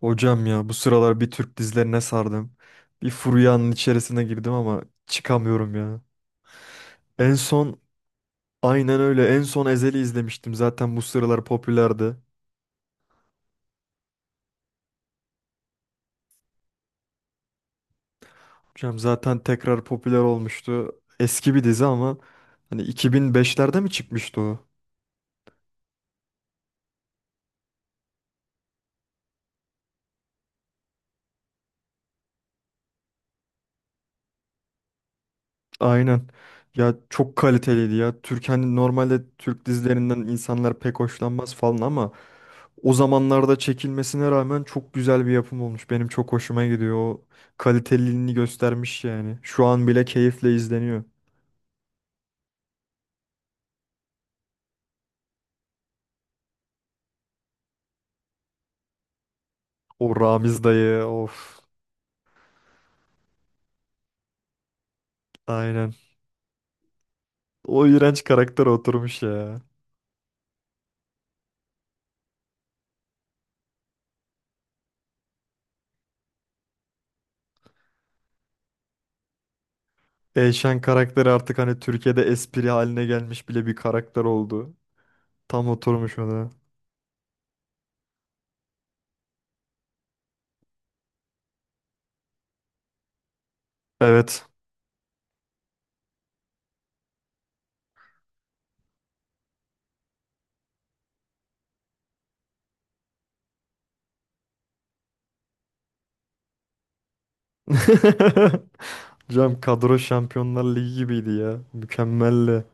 Hocam ya bu sıralar bir Türk dizilerine sardım. Bir furyanın içerisine girdim ama çıkamıyorum ya. En son aynen öyle en son Ezel'i izlemiştim. Zaten bu sıralar popülerdi. Hocam zaten tekrar popüler olmuştu. Eski bir dizi ama hani 2005'lerde mi çıkmıştı o? Aynen. Ya çok kaliteliydi ya. Türk, hani normalde Türk dizilerinden insanlar pek hoşlanmaz falan ama o zamanlarda çekilmesine rağmen çok güzel bir yapım olmuş. Benim çok hoşuma gidiyor. O kaliteliliğini göstermiş yani. Şu an bile keyifle izleniyor. O Ramiz dayı, of. Aynen. O iğrenç karakter oturmuş ya. Eyşan karakteri artık hani Türkiye'de espri haline gelmiş bile bir karakter oldu. Tam oturmuş ona. Evet. Cam kadro Şampiyonlar Ligi gibiydi ya. Mükemmeldi.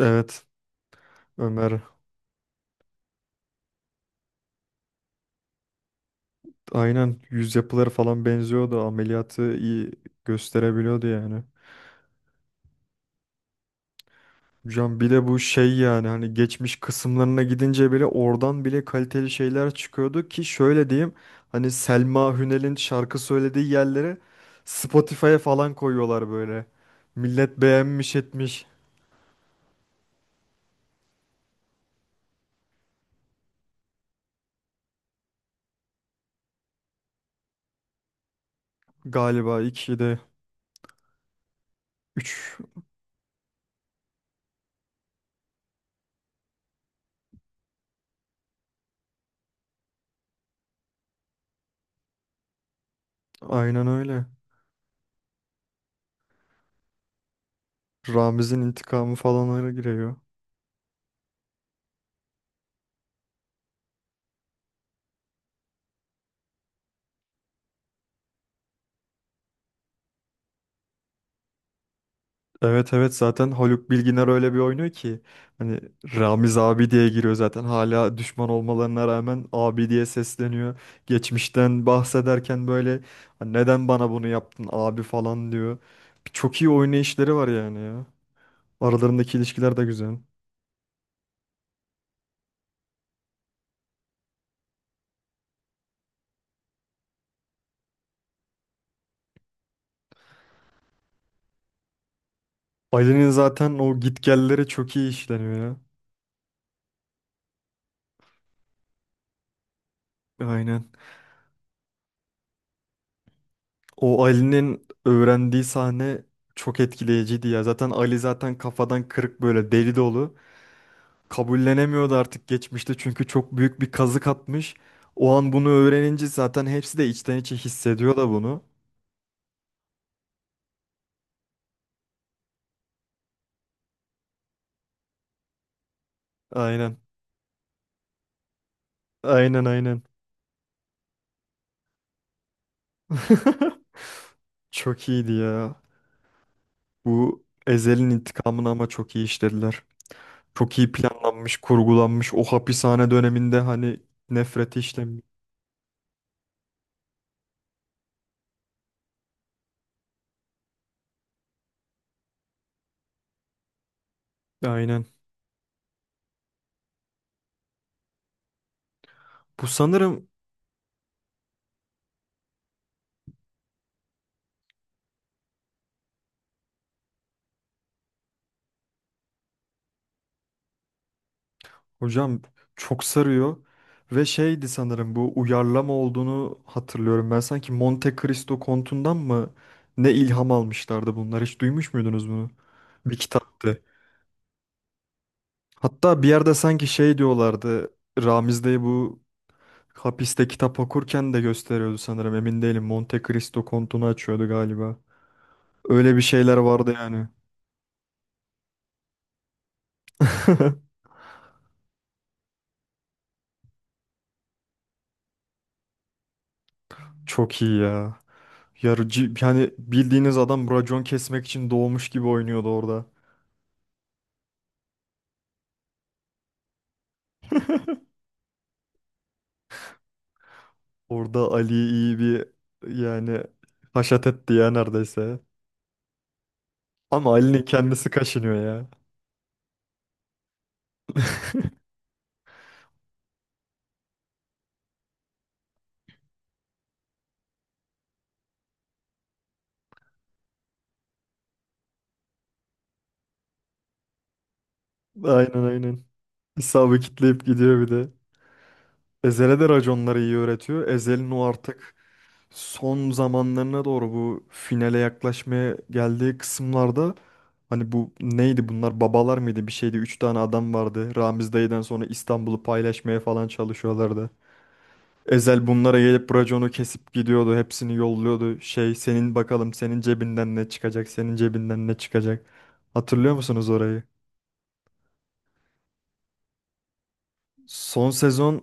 Evet. Ömer. Aynen, yüz yapıları falan benziyordu. Ameliyatı iyi gösterebiliyordu yani. Hocam bir de bu şey, yani hani geçmiş kısımlarına gidince bile oradan bile kaliteli şeyler çıkıyordu ki şöyle diyeyim, hani Selma Hünel'in şarkı söylediği yerleri Spotify'a falan koyuyorlar böyle. Millet beğenmiş etmiş. Galiba iki de, üç, aynen öyle. Ramiz'in intikamı falan öyle giriyor. Evet, evet, zaten Haluk Bilginer öyle bir oynuyor ki hani Ramiz abi diye giriyor zaten, hala düşman olmalarına rağmen abi diye sesleniyor. Geçmişten bahsederken böyle "Hani neden bana bunu yaptın abi" falan diyor. Çok iyi oynayışları var yani ya. Aralarındaki ilişkiler de güzel. Ali'nin zaten o gitgelleri çok iyi işleniyor ya. Aynen. O Ali'nin öğrendiği sahne çok etkileyiciydi ya. Zaten Ali zaten kafadan kırık, böyle deli dolu. Kabullenemiyordu artık, geçmişte çünkü çok büyük bir kazık atmış. O an bunu öğrenince zaten hepsi de içten içe hissediyor da bunu. Aynen. Aynen, aynen. Çok iyiydi ya. Bu Ezel'in intikamını ama çok iyi işlediler. Çok iyi planlanmış, kurgulanmış. O hapishane döneminde hani nefreti işlemiş. Aynen. Bu sanırım, hocam, çok sarıyor ve şeydi sanırım, bu uyarlama olduğunu hatırlıyorum. Ben sanki Monte Cristo Kontu'ndan mı ne ilham almışlardı bunlar? Hiç duymuş muydunuz bunu? Bir kitaptı. Hatta bir yerde sanki şey diyorlardı. Ramiz Bey bu hapiste kitap okurken de gösteriyordu sanırım. Emin değilim. Monte Cristo Kontu'nu açıyordu galiba. Öyle bir şeyler vardı yani. Çok iyi ya. Yarıcı yani bildiğiniz adam racon kesmek için doğmuş gibi oynuyordu orada. Orada Ali'yi iyi bir, yani haşat etti ya neredeyse. Ama Ali'nin kendisi kaşınıyor ya. Aynen, aynen. Hesabı kitleyip gidiyor bir de. Ezel'e de raconları iyi öğretiyor. Ezel'in o artık son zamanlarına doğru, bu finale yaklaşmaya geldiği kısımlarda hani bu neydi, bunlar babalar mıydı, bir şeydi. 3 tane adam vardı. Ramiz dayıdan sonra İstanbul'u paylaşmaya falan çalışıyorlardı. Ezel bunlara gelip raconu kesip gidiyordu. Hepsini yolluyordu. Şey, senin bakalım senin cebinden ne çıkacak? Senin cebinden ne çıkacak? Hatırlıyor musunuz orayı? Son sezon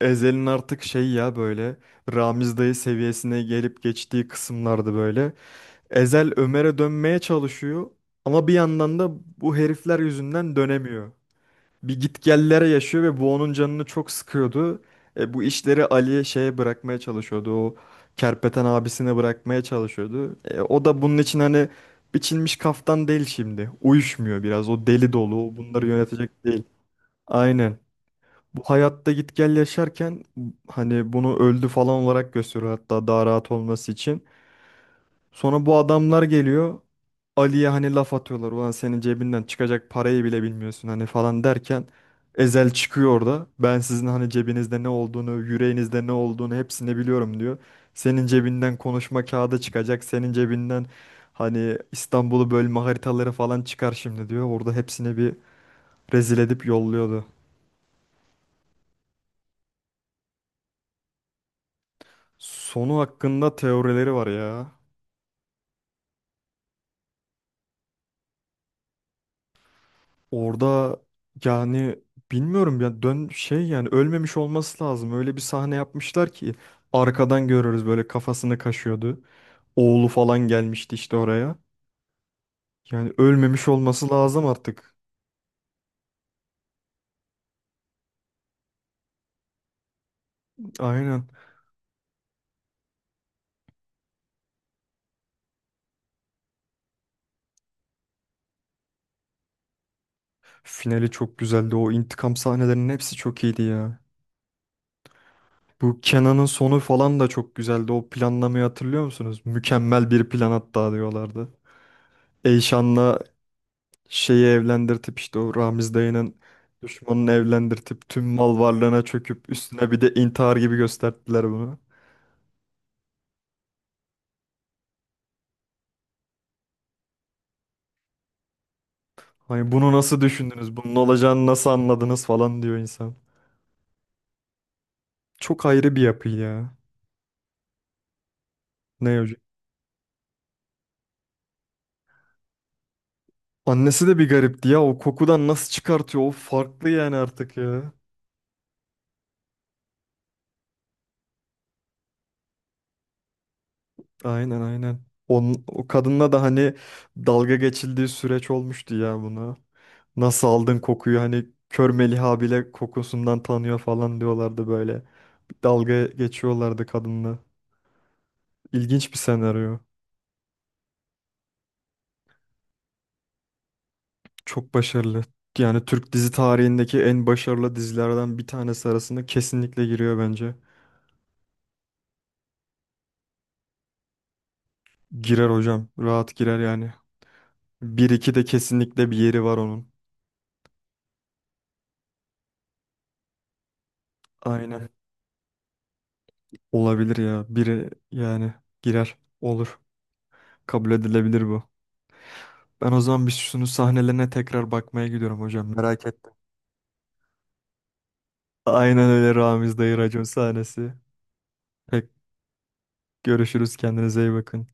Ezel'in artık şey ya, böyle Ramiz dayı seviyesine gelip geçtiği kısımlardı böyle. Ezel Ömer'e dönmeye çalışıyor ama bir yandan da bu herifler yüzünden dönemiyor. Bir gitgellere yaşıyor ve bu onun canını çok sıkıyordu. Bu işleri Ali'ye, şeye bırakmaya çalışıyordu. O kerpeten abisine bırakmaya çalışıyordu. O da bunun için hani biçilmiş kaftan değil şimdi. Uyuşmuyor biraz. O deli dolu. O bunları, hmm, yönetecek değil. Aynen. Bu hayatta gitgel yaşarken hani bunu öldü falan olarak gösteriyor, hatta daha rahat olması için. Sonra bu adamlar geliyor. Ali'ye hani laf atıyorlar. "Ulan senin cebinden çıkacak parayı bile bilmiyorsun" hani falan derken Ezel çıkıyor orada. "Ben sizin hani cebinizde ne olduğunu, yüreğinizde ne olduğunu hepsini biliyorum" diyor. "Senin cebinden konuşma kağıdı çıkacak. Senin cebinden hani İstanbul'u bölme haritaları falan çıkar şimdi" diyor. Orada hepsini bir rezil edip yolluyordu. Sonu hakkında teorileri var ya. Orada, yani bilmiyorum ya, dön şey, yani ölmemiş olması lazım. Öyle bir sahne yapmışlar ki arkadan görüyoruz, böyle kafasını kaşıyordu. Oğlu falan gelmişti işte oraya. Yani ölmemiş olması lazım artık. Aynen. Finali çok güzeldi. O intikam sahnelerinin hepsi çok iyiydi ya. Bu Kenan'ın sonu falan da çok güzeldi. O planlamayı hatırlıyor musunuz? Mükemmel bir plan, hatta diyorlardı. Eyşan'la şeyi evlendirtip işte o Ramiz dayının düşmanını evlendirtip tüm mal varlığına çöküp üstüne bir de intihar gibi gösterdiler bunu. Hani bunu nasıl düşündünüz? Bunun olacağını nasıl anladınız falan diyor insan. Çok ayrı bir yapı ya. Ne hocam? Annesi de bir garipti ya. O kokudan nasıl çıkartıyor? O farklı yani artık ya. Aynen, aynen. Onun, o kadınla da hani dalga geçildiği süreç olmuştu ya buna. Nasıl aldın kokuyu, hani kör Meliha bile kokusundan tanıyor falan diyorlardı böyle. Dalga geçiyorlardı kadınla. İlginç bir senaryo. Çok başarılı. Yani Türk dizi tarihindeki en başarılı dizilerden bir tanesi arasında kesinlikle giriyor bence. Girer hocam. Rahat girer yani. Bir iki de kesinlikle bir yeri var onun. Aynen. Olabilir ya. Biri yani girer. Olur. Kabul edilebilir bu. Ben o zaman bir şunu sahnelerine tekrar bakmaya gidiyorum hocam. Merak ettim. Aynen öyle, Ramiz Dayı racon sahnesi. Pek görüşürüz. Kendinize iyi bakın.